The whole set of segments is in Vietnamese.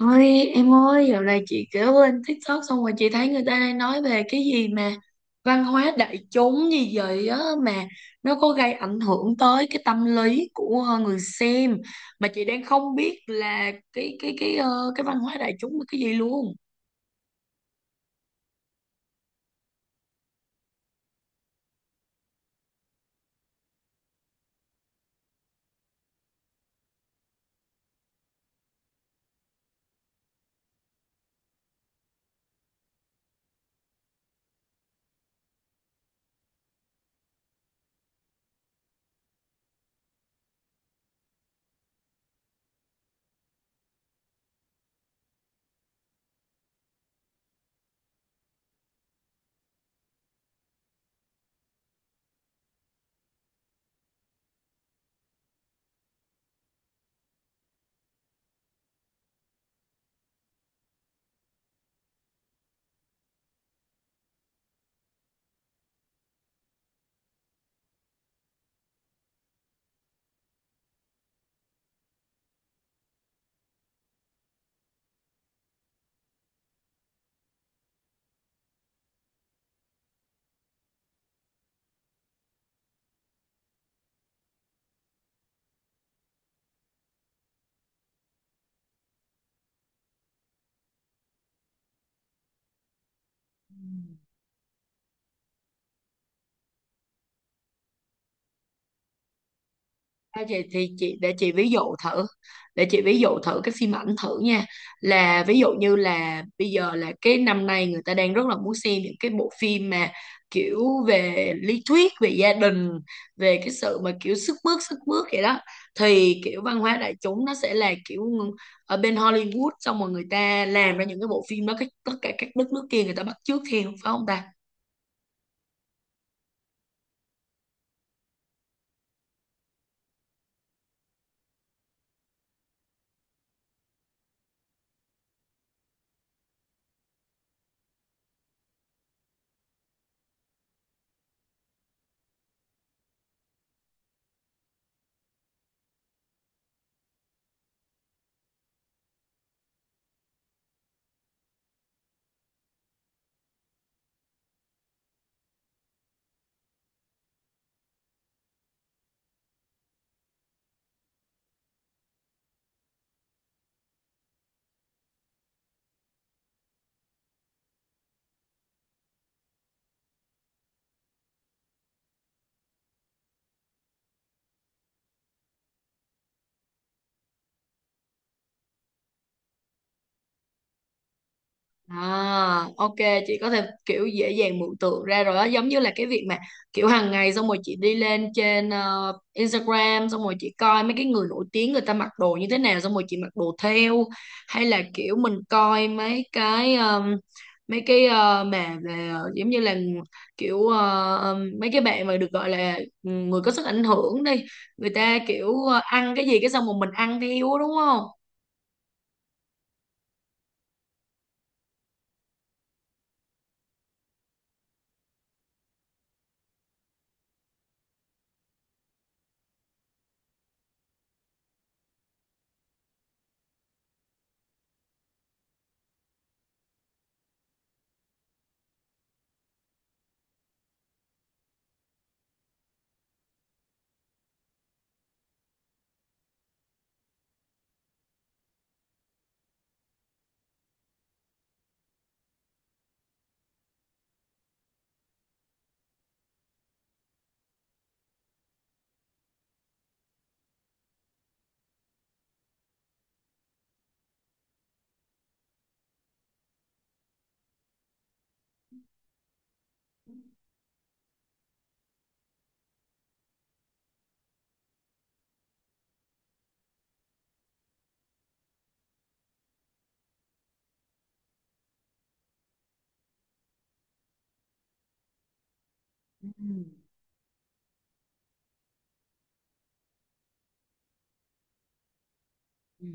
Ôi em ơi, dạo này chị kiểu lên TikTok xong rồi chị thấy người ta đang nói về cái gì mà văn hóa đại chúng gì vậy á, mà nó có gây ảnh hưởng tới cái tâm lý của người xem, mà chị đang không biết là cái văn hóa đại chúng là cái gì luôn. À, chị, thì chị để chị ví dụ thử, để chị ví dụ thử cái phim ảnh thử nha. Là ví dụ như là bây giờ là cái năm nay người ta đang rất là muốn xem những cái bộ phim mà kiểu về lý thuyết về gia đình, về cái sự mà kiểu sức mướt vậy đó, thì kiểu văn hóa đại chúng nó sẽ là kiểu ở bên Hollywood xong rồi người ta làm ra những cái bộ phim đó, cái tất cả các đất nước kia người ta bắt chước theo, phải không ta? À, ok, chị có thể kiểu dễ dàng mường tượng ra rồi đó, giống như là cái việc mà kiểu hàng ngày xong rồi chị đi lên trên Instagram, xong rồi chị coi mấy cái người nổi tiếng người ta mặc đồ như thế nào xong rồi chị mặc đồ theo. Hay là kiểu mình coi mấy cái mà về giống như là kiểu mấy cái bạn mà được gọi là, ừ, người có sức ảnh hưởng đi, người ta kiểu ăn cái gì cái xong rồi mình ăn theo á, đúng không? Ừ. Ừ.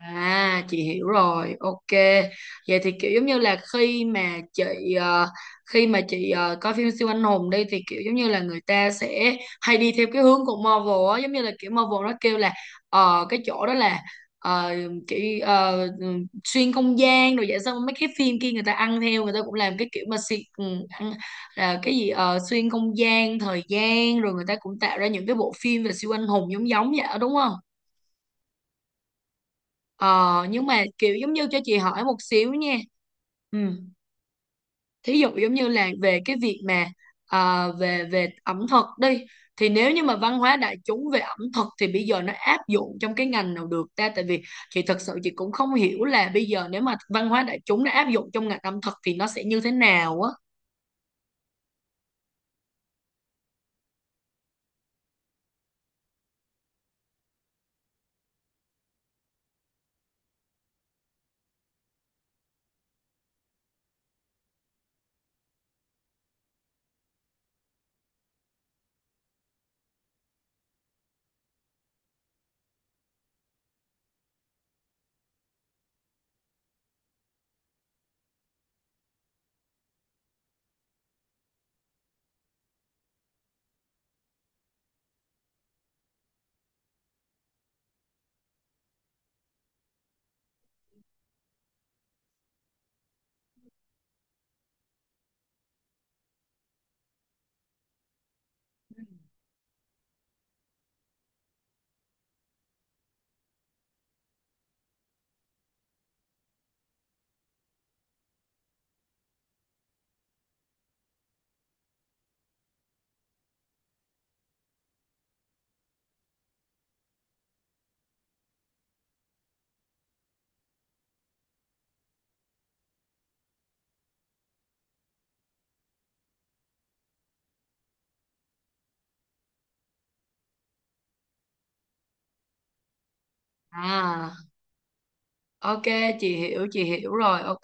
À chị hiểu rồi, ok. Vậy thì kiểu giống như là khi mà chị ờ, khi mà chị coi phim siêu anh hùng đi, thì kiểu giống như là người ta sẽ hay đi theo cái hướng của Marvel á, giống như là kiểu Marvel nó kêu là cái chỗ đó là, ờ, kiểu ờ, ừ, xuyên không gian rồi vậy, xong mấy cái phim kia người ta ăn theo, người ta cũng làm cái kiểu mà xuyên, ăn, là cái gì xuyên không gian, thời gian, rồi người ta cũng tạo ra những cái bộ phim về siêu anh hùng giống giống vậy đó, đúng không? Ờ, nhưng mà kiểu giống như cho chị hỏi một xíu nha. Ừ. Thí dụ giống như là về cái việc mà về về ẩm thực đi, thì nếu như mà văn hóa đại chúng về ẩm thực thì bây giờ nó áp dụng trong cái ngành nào được ta, tại vì chị thật sự chị cũng không hiểu là bây giờ nếu mà văn hóa đại chúng nó áp dụng trong ngành ẩm thực thì nó sẽ như thế nào á. À. Ok, chị hiểu rồi, ok.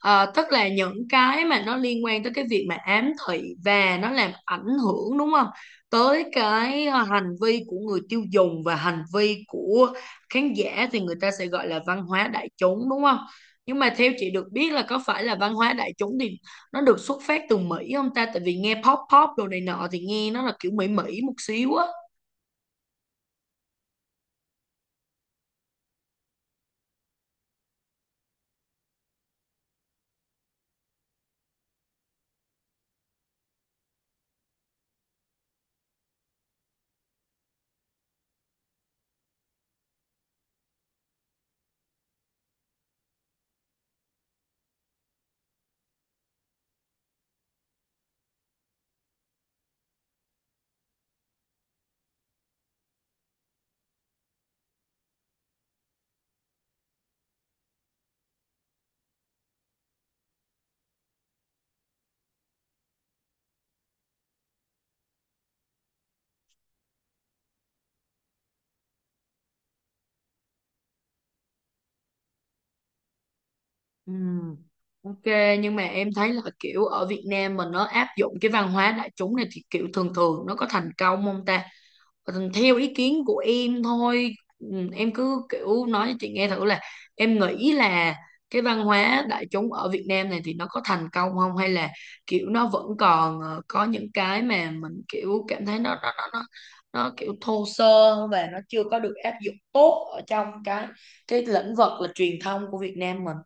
Ờ, tức là những cái mà nó liên quan tới cái việc mà ám thị và nó làm ảnh hưởng đúng không? Tới cái hành vi của người tiêu dùng và hành vi của khán giả thì người ta sẽ gọi là văn hóa đại chúng đúng không? Nhưng mà theo chị được biết là có phải là văn hóa đại chúng thì nó được xuất phát từ Mỹ không ta? Tại vì nghe pop pop đồ này nọ thì nghe nó là kiểu Mỹ Mỹ một xíu á. Ừ. Ok, nhưng mà em thấy là kiểu ở Việt Nam mình nó áp dụng cái văn hóa đại chúng này thì kiểu thường thường nó có thành công không ta? Còn theo ý kiến của em thôi, ừ, em cứ kiểu nói cho chị nghe thử là em nghĩ là cái văn hóa đại chúng ở Việt Nam này thì nó có thành công không, hay là kiểu nó vẫn còn có những cái mà mình kiểu cảm thấy nó kiểu thô sơ và nó chưa có được áp dụng tốt ở trong cái lĩnh vực là truyền thông của Việt Nam mình.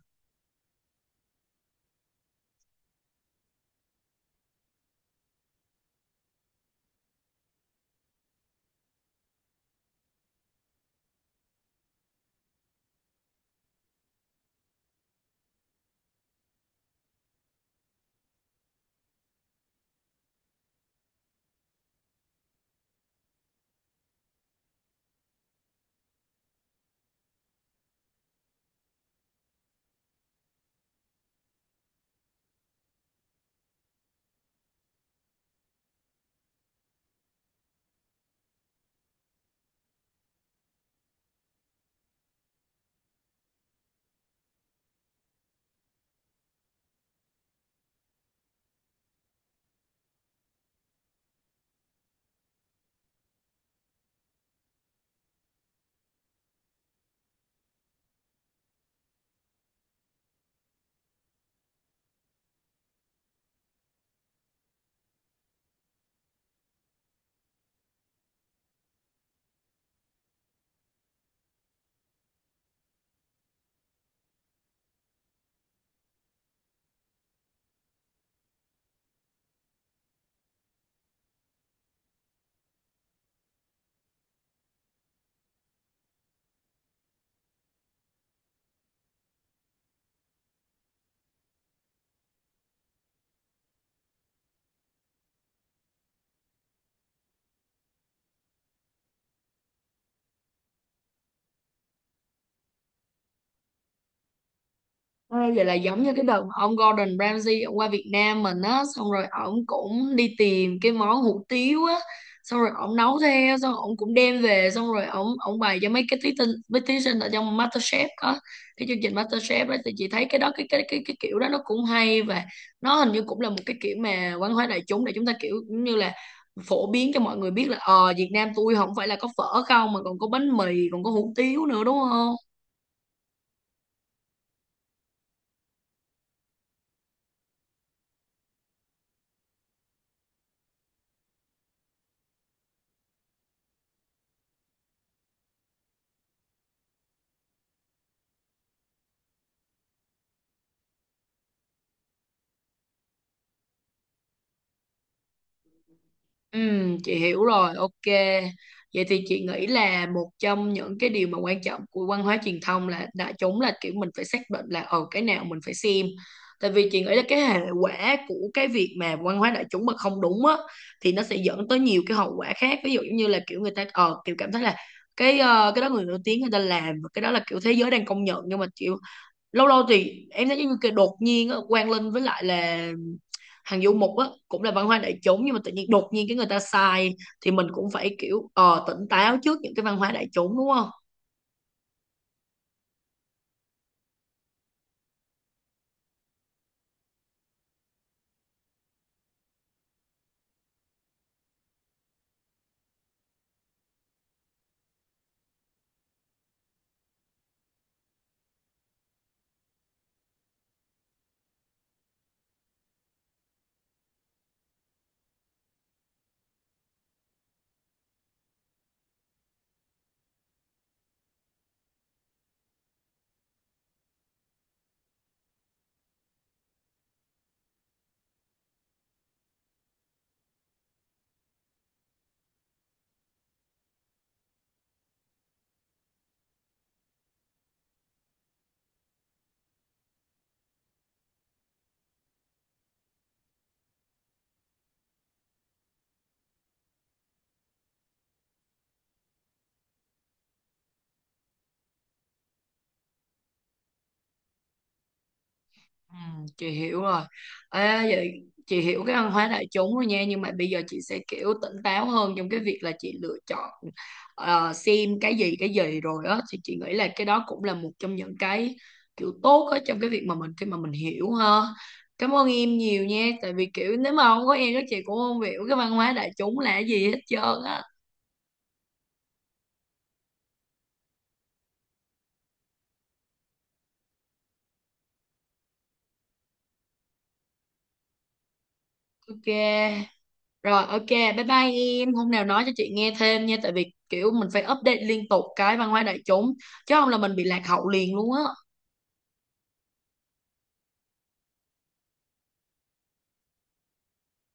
Ê, vậy là giống như cái đợt mà ông Gordon Ramsay ông qua Việt Nam mình á, xong rồi ổng cũng đi tìm cái món hủ tiếu á, xong rồi ổng nấu theo, xong ổng cũng đem về, xong rồi ổng ổng bày cho mấy cái thí sinh, mấy thí sinh ở trong MasterChef á, cái chương trình MasterChef đó, thì chị thấy cái đó cái kiểu đó nó cũng hay, và nó hình như cũng là một cái kiểu mà văn hóa đại chúng để chúng ta kiểu cũng như là phổ biến cho mọi người biết là ờ Việt Nam tôi không phải là có phở không, mà còn có bánh mì, còn có hủ tiếu nữa, đúng không? Ừ, chị hiểu rồi, ok. Vậy thì chị nghĩ là một trong những cái điều mà quan trọng của văn hóa truyền thông là đại chúng là kiểu mình phải xác định là ờ cái nào mình phải xem. Tại vì chị nghĩ là cái hệ quả của cái việc mà văn hóa đại chúng mà không đúng á thì nó sẽ dẫn tới nhiều cái hậu quả khác. Ví dụ giống như là kiểu người ta ờ kiểu cảm thấy là cái cái đó người nổi tiếng người ta làm và cái đó là kiểu thế giới đang công nhận, nhưng mà kiểu lâu lâu thì em thấy giống như cái đột nhiên á, Quang Linh với lại là Hằng Du Mục á cũng là văn hóa đại chúng, nhưng mà tự nhiên đột nhiên cái người ta sai, thì mình cũng phải kiểu tỉnh táo trước những cái văn hóa đại chúng đúng không? Ừ, chị hiểu rồi. Ê, vậy chị hiểu cái văn hóa đại chúng rồi nha, nhưng mà bây giờ chị sẽ kiểu tỉnh táo hơn trong cái việc là chị lựa chọn xem cái gì rồi á, thì chị nghĩ là cái đó cũng là một trong những cái kiểu tốt á trong cái việc mà mình khi mà mình hiểu ha. Cảm ơn em nhiều nha, tại vì kiểu nếu mà không có em các chị cũng không hiểu cái văn hóa đại chúng là cái gì hết trơn á. Ok. Rồi ok, bye bye em. Hôm nào nói cho chị nghe thêm nha, tại vì kiểu mình phải update liên tục cái văn hóa đại chúng chứ không là mình bị lạc hậu liền luôn á.